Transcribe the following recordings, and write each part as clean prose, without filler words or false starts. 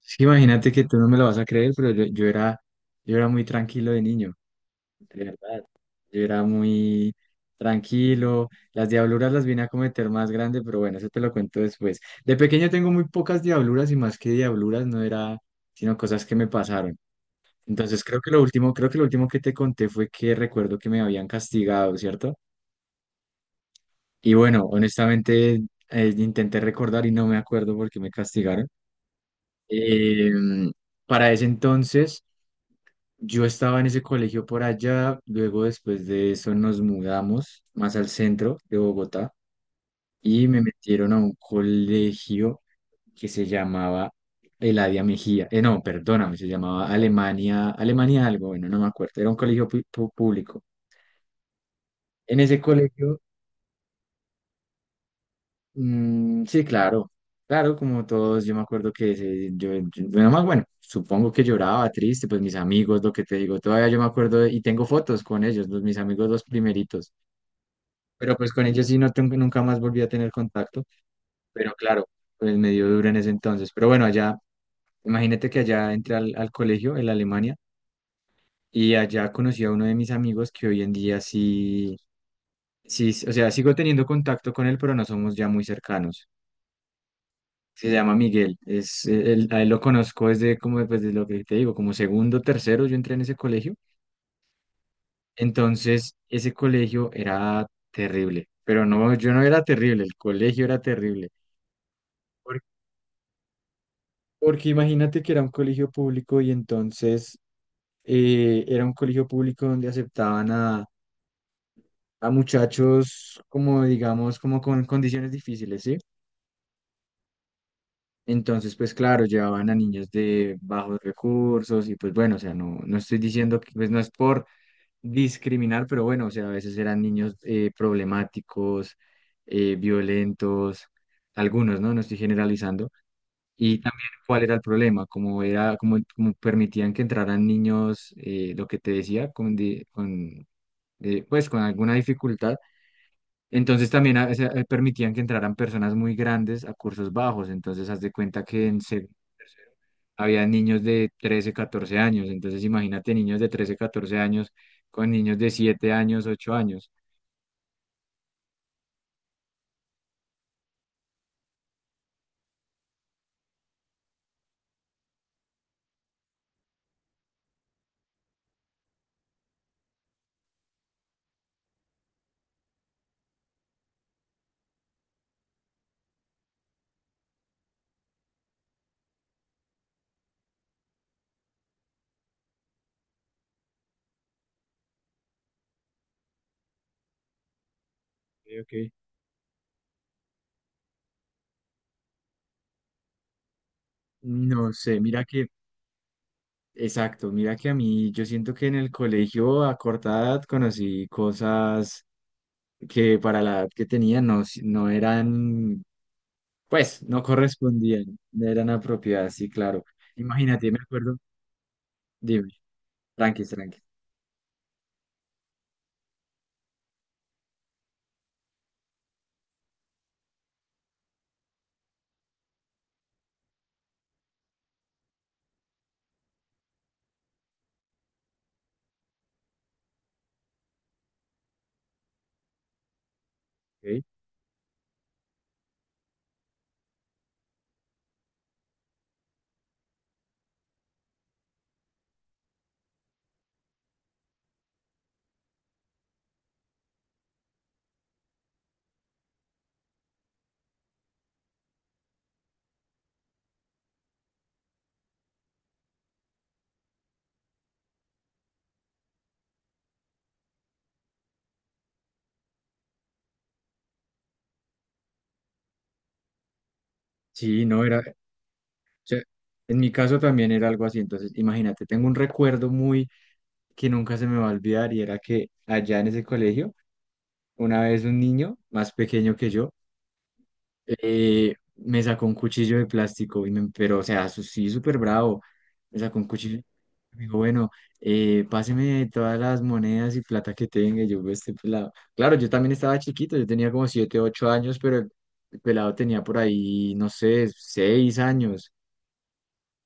Sí, imagínate que tú no me lo vas a creer, pero yo era muy tranquilo de niño, de verdad. Yo era muy tranquilo. Las diabluras las vine a cometer más grande, pero bueno, eso te lo cuento después. De pequeño tengo muy pocas diabluras y más que diabluras no era, sino cosas que me pasaron. Entonces creo que lo último que te conté fue que recuerdo que me habían castigado, ¿cierto? Y bueno, honestamente intenté recordar y no me acuerdo por qué me castigaron. Eh, para ese entonces yo estaba en ese colegio por allá, luego después de eso nos mudamos más al centro de Bogotá y me metieron a un colegio que se llamaba Eladia Mejía. No, perdóname, se llamaba Alemania, Alemania algo, bueno, no me acuerdo, era un colegio público. En ese colegio, mm, sí, claro, claro, como todos, yo me acuerdo que bueno, más bueno, supongo que lloraba triste, pues mis amigos, lo que te digo, todavía yo me acuerdo y tengo fotos con ellos, mis amigos los primeritos. Pero pues con ellos sí no tengo, nunca más volví a tener contacto, pero claro, pues me dio duro en ese entonces. Pero bueno, allá, imagínate que allá entré al colegio en Alemania y allá conocí a uno de mis amigos que hoy en día sí, sí, o sea, sigo teniendo contacto con él, pero no somos ya muy cercanos. Se llama Miguel, a él lo conozco desde como, pues, de lo que te digo, como segundo, tercero, yo entré en ese colegio. Entonces, ese colegio era terrible, pero no, yo no era terrible, el colegio era terrible. Porque imagínate que era un colegio público y entonces era un colegio público donde aceptaban a muchachos como, digamos, como con condiciones difíciles, ¿sí? Entonces, pues claro, llevaban a niños de bajos recursos y pues bueno, o sea, no, no estoy diciendo que pues no es por discriminar, pero bueno, o sea, a veces eran niños problemáticos, violentos, algunos, ¿no? No estoy generalizando. Y también cuál era el problema, como era, como permitían que entraran niños, lo que te decía, con, pues con alguna dificultad. Entonces también permitían que entraran personas muy grandes a cursos bajos. Entonces haz de cuenta que en segundo, tercero, había niños de 13 14 años. Entonces imagínate niños de 13 14 años con niños de 7 años, 8 años. Ok, ok. No sé, mira que exacto, mira que a mí yo siento que en el colegio a corta edad conocí cosas que para la edad que tenía no, no eran, pues no correspondían, no eran apropiadas, sí, claro. Imagínate, me acuerdo, dime, tranqui, tranqui. ¿Ok? Sí, no era, o sea, en mi caso también era algo así, entonces imagínate, tengo un recuerdo muy que nunca se me va a olvidar y era que allá en ese colegio, una vez un niño más pequeño que yo, me sacó un cuchillo de plástico, y pero o sea, sí, súper bravo. Me sacó un cuchillo. Me dijo, bueno, páseme todas las monedas y plata que tenga. Y yo: "Ve este pelado". Claro, yo también estaba chiquito, yo tenía como 7 8 años, pero el pelado tenía por ahí, no sé, 6 años.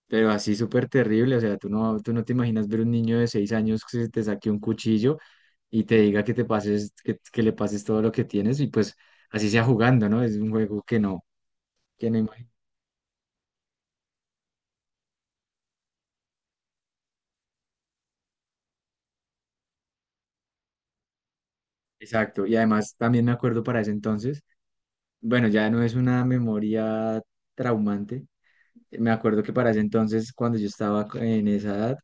Pero así súper terrible, o sea, tú no te imaginas ver un niño de 6 años que se te saque un cuchillo y te diga que te pases, que le pases todo lo que tienes y pues así sea jugando, ¿no? Es un juego que no imagino. Exacto. Y además también me acuerdo para ese entonces, bueno, ya no es una memoria traumante. Me acuerdo que para ese entonces, cuando yo estaba en esa edad,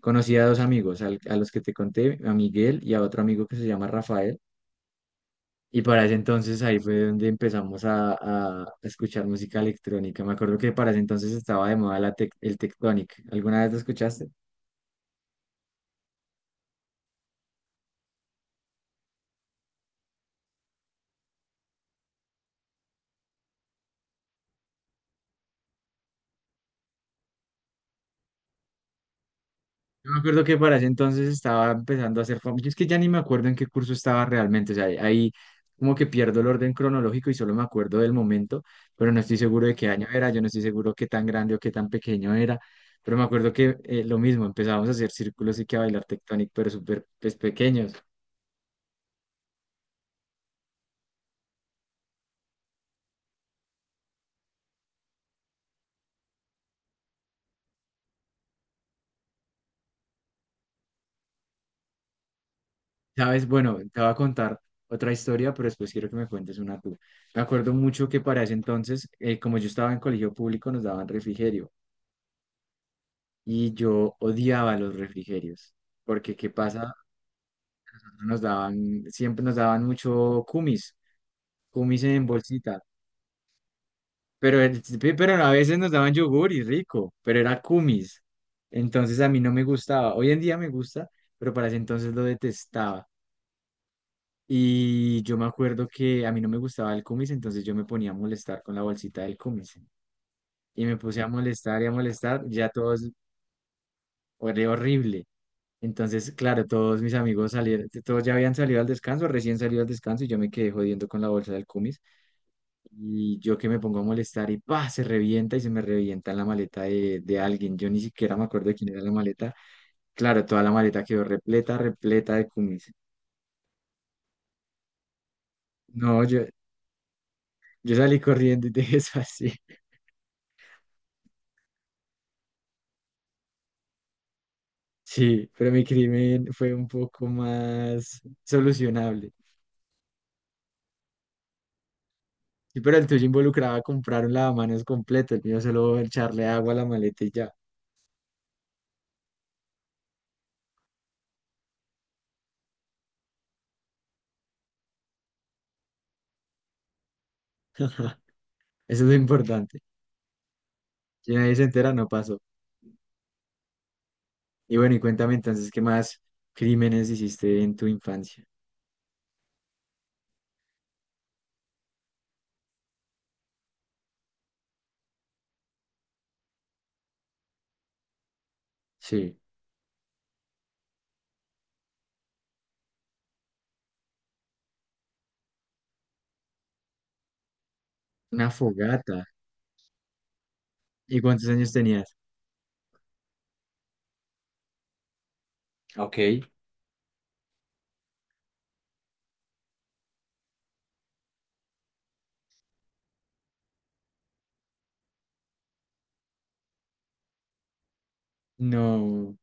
conocí a dos amigos, a los que te conté, a Miguel y a otro amigo que se llama Rafael. Y para ese entonces ahí fue donde empezamos a escuchar música electrónica. Me acuerdo que para ese entonces estaba de moda el Tectonic. ¿Alguna vez lo escuchaste? Yo me acuerdo que para ese entonces estaba empezando a hacer famoso. Es que ya ni me acuerdo en qué curso estaba realmente. O sea, ahí como que pierdo el orden cronológico y solo me acuerdo del momento, pero no estoy seguro de qué año era, yo no estoy seguro qué tan grande o qué tan pequeño era. Pero me acuerdo que lo mismo, empezábamos a hacer círculos y que a bailar tectónico, pero súper pues, pequeños. ¿Sabes? Bueno, te voy a contar otra historia, pero después quiero que me cuentes una tú. Me acuerdo mucho que para ese entonces, como yo estaba en colegio público, nos daban refrigerio. Y yo odiaba los refrigerios, porque ¿qué pasa? Nos daban, siempre nos daban mucho kumis, kumis en bolsita, pero, pero a veces nos daban yogur y rico, pero era kumis, entonces a mí no me gustaba, hoy en día me gusta, pero para ese entonces lo detestaba. Y yo me acuerdo que a mí no me gustaba el kumis, entonces yo me ponía a molestar con la bolsita del kumis. Y me puse a molestar y a molestar, ya todos, era horrible. Entonces, claro, todos mis amigos salieron, todos ya habían salido al descanso, recién salido al descanso y yo me quedé jodiendo con la bolsa del cumis. Y yo que me pongo a molestar y pa, se revienta y se me revienta la maleta de alguien. Yo ni siquiera me acuerdo de quién era la maleta. Claro, toda la maleta quedó repleta, repleta de cumis. No, yo salí corriendo y dejé eso así. Sí, pero mi crimen fue un poco más solucionable. Sí, pero el tuyo involucraba comprar un lavamanos completo, el mío solo echarle agua a la maleta y ya. Eso es lo importante. Si nadie se entera, no pasó. Y bueno, y cuéntame entonces, ¿qué más crímenes hiciste en tu infancia? Sí. Una fogata. ¿Y cuántos años tenías? Ok. No,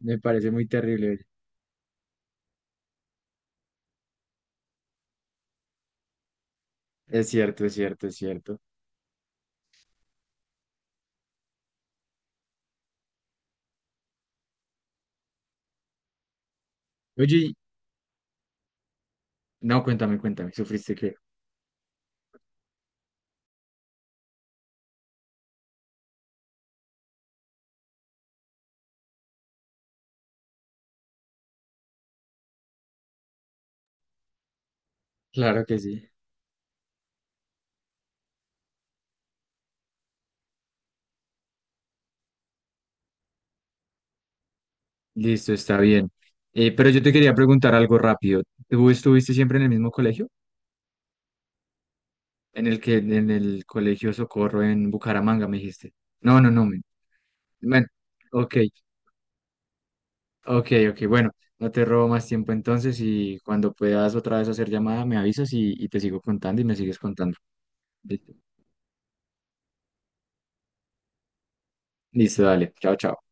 me parece muy terrible, oye. Es cierto, es cierto, es cierto. Oye, no, cuéntame, cuéntame, ¿sufriste qué? Claro que sí. Listo, está bien. Pero yo te quería preguntar algo rápido. ¿Tú estuviste siempre en el mismo colegio? En el Colegio Socorro en Bucaramanga, me dijiste. No, no, no. Bueno, ok. Ok, ok, bueno, no te robo más tiempo entonces y cuando puedas otra vez hacer llamada me avisas y te sigo contando y me sigues contando. Listo, listo, dale, chao, chao.